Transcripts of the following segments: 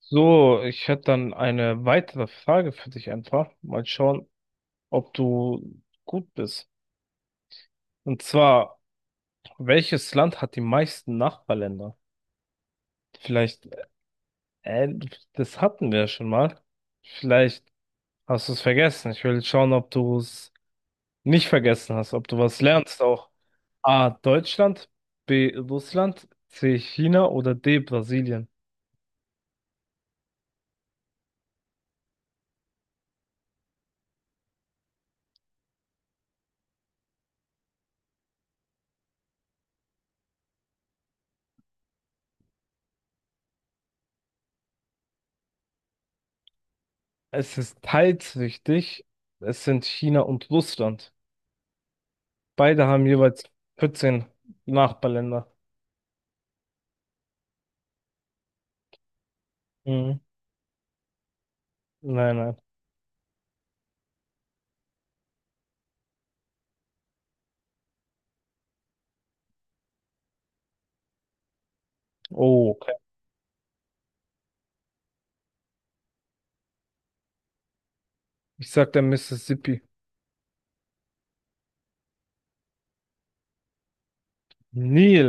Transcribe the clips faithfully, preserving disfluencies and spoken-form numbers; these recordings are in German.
So, ich hätte dann eine weitere Frage für dich einfach. Mal schauen, ob du gut bist. Und zwar, welches Land hat die meisten Nachbarländer? Vielleicht, äh, das hatten wir ja schon mal. Vielleicht hast du es vergessen. Ich will schauen, ob du es nicht vergessen hast, ob du was lernst auch. A. Deutschland, B. Russland, C. China oder D. Brasilien. Es ist teils richtig. Es sind China und Russland. Beide haben jeweils vierzehn Nachbarländer. Mhm. Nein, nein. Oh, okay. Ich sag der Mississippi. Nil.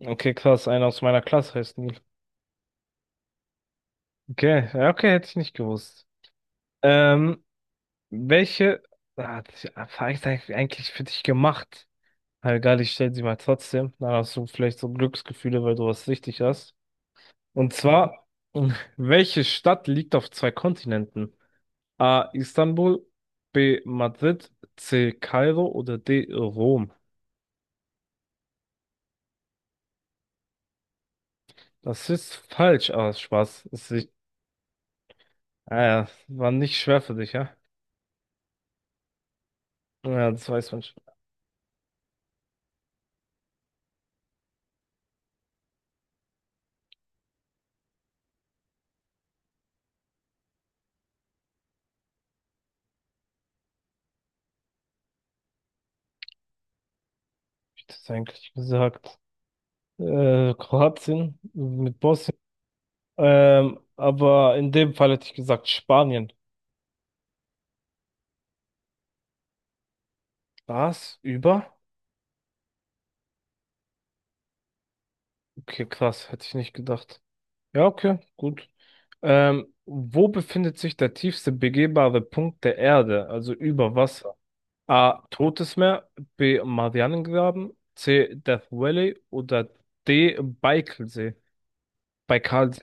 Okay, krass. Einer aus meiner Klasse heißt Nil. Okay, ja, okay, hätte ich nicht gewusst. Ähm, welche ah, die Frage ist eigentlich eigentlich für dich gemacht? Na egal, ich stell sie mal trotzdem. Dann hast du vielleicht so Glücksgefühle, weil du was richtig hast. Und zwar, welche Stadt liegt auf zwei Kontinenten? A. Istanbul, B. Madrid, C. Kairo oder D. Rom. Das ist falsch, aber Spaß. Das ist, äh, war nicht schwer für dich, ja? Ja, das weiß man schon. Hab ich das eigentlich gesagt? Äh, Kroatien mit Bosnien. Ähm, aber in dem Fall hätte ich gesagt Spanien. Was? Über? Okay, krass, hätte ich nicht gedacht. Ja, okay, gut. Ähm, wo befindet sich der tiefste begehbare Punkt der Erde? Also über Wasser? A. Totes Meer. B. Marianengraben. C. Death Valley. Oder D. Baikalsee. Baikalsee.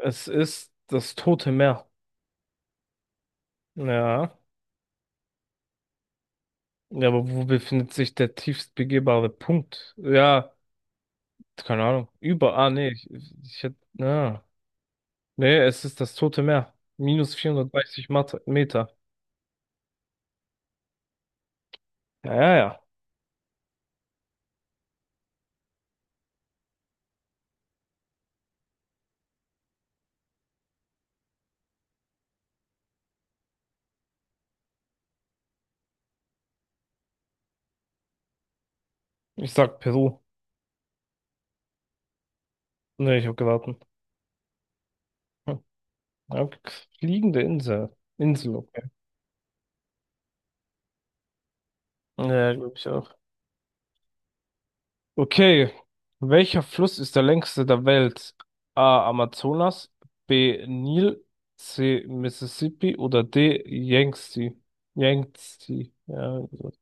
Es ist das Tote Meer. Ja. Ja, aber wo befindet sich der tiefst begehbare Punkt? Ja, keine Ahnung. Über. Ah, nee. Ich, ich hätte. Ja. Nee, es ist das Tote Meer. Minus vierhundertdreißig Mat- Meter. Ja, ja, ja. Ich sag Peru. Nee, ich hab geraten. Hm. Ja, Fliegende Insel. Insel, okay. Ja, glaube ich auch. Okay, welcher Fluss ist der längste der Welt? A. Amazonas, B. Nil, C. Mississippi oder D. Yangtze? Yangtze, ja. So.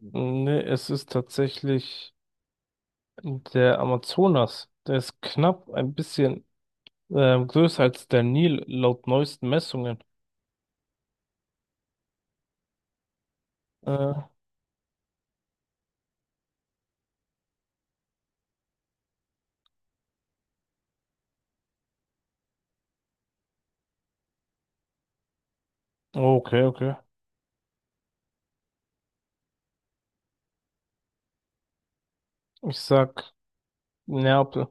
Nee, es ist tatsächlich der Amazonas. Der ist knapp ein bisschen ähm, größer als der Nil laut neuesten Messungen. Äh, okay, okay. Ich sag Neapel.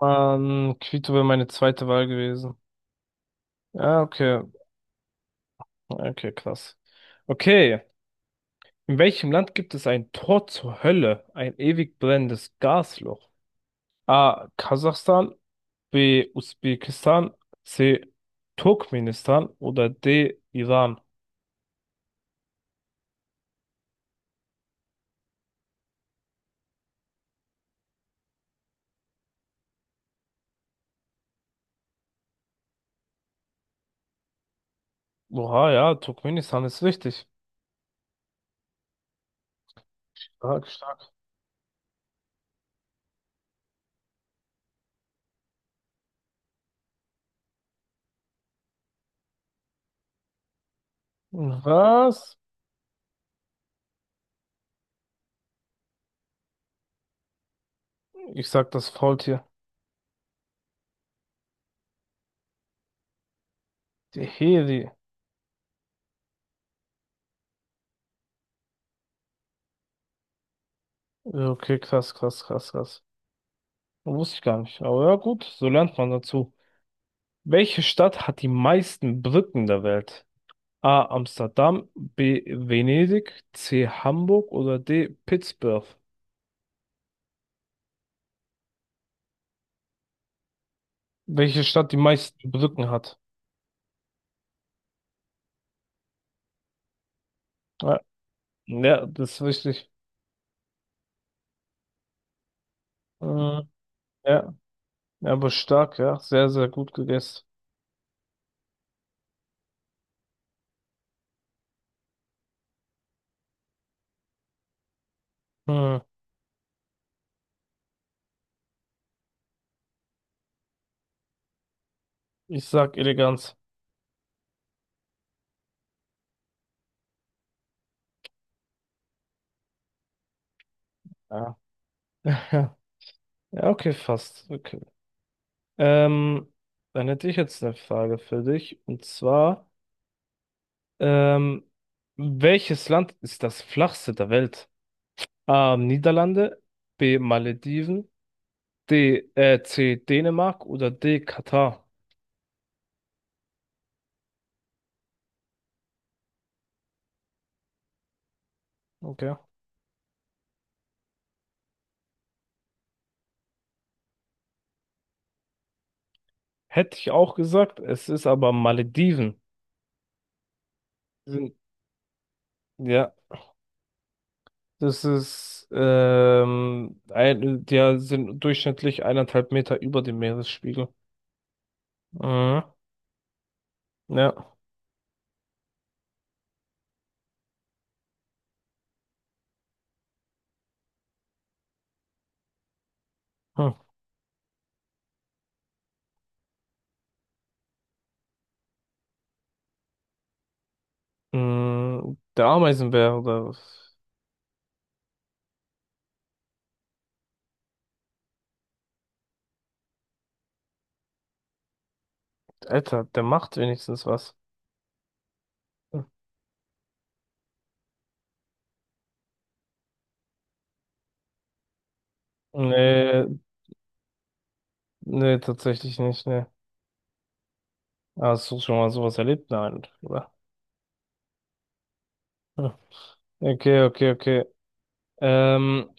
Mann, Quito wäre meine zweite Wahl gewesen. Ja, okay. Okay, krass. Okay. In welchem Land gibt es ein Tor zur Hölle, ein ewig brennendes Gasloch? A. Kasachstan, B. Usbekistan, C. Turkmenistan oder D. Iran? Oha, ja, Turkmenistan ist richtig. Stark, stark. Was? Ich sag das Faultier. Teheri. Okay, krass, krass, krass, krass. Wusste ich gar nicht. Aber ja, gut, so lernt man dazu. Welche Stadt hat die meisten Brücken der Welt? A. Amsterdam, B. Venedig, C. Hamburg oder D. Pittsburgh. Welche Stadt die meisten Brücken hat. Ja, ja, das ist richtig. Mhm. Ja, ja, aber stark, ja. Sehr, sehr gut gegessen. Hm. Ich sag Eleganz. Ja. Ja, okay, fast. Okay. Ähm, dann hätte ich jetzt eine Frage für dich. Und zwar, ähm, welches Land ist das flachste der Welt? A. Niederlande, B. Malediven, D, äh, C, Dänemark oder D, Katar. Okay. Hätte ich auch gesagt, es ist aber Malediven. Sind, ja, das ist, ähm, ein, die sind durchschnittlich eineinhalb Meter über dem Meeresspiegel. Mhm. Ja. Hm. Mm, der Ameisenbär oder, was? Alter, der macht wenigstens was. Hm. Nee, nee, tatsächlich nicht, nee. Hast du schon mal sowas erlebt? Nein, oder? Hm. Okay, okay, okay. Ähm,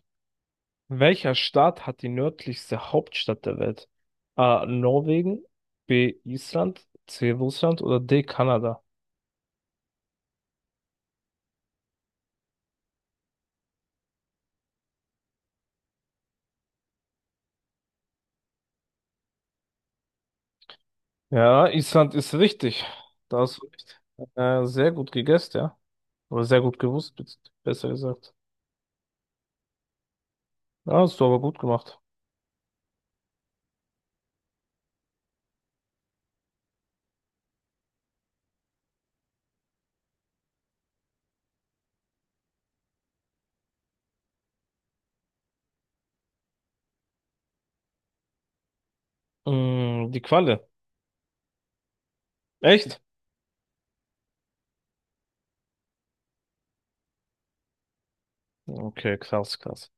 Welcher Staat hat die nördlichste Hauptstadt der Welt? A. Norwegen, B. Island, C. Russland oder D. Kanada? Ja, Island ist richtig. Da hast du recht. Äh, sehr gut gegessen, ja. Oder sehr gut gewusst, be- besser gesagt. Ja, hast du aber gut gemacht. Mm, die Qualle. Echt? Okay, krass, krass.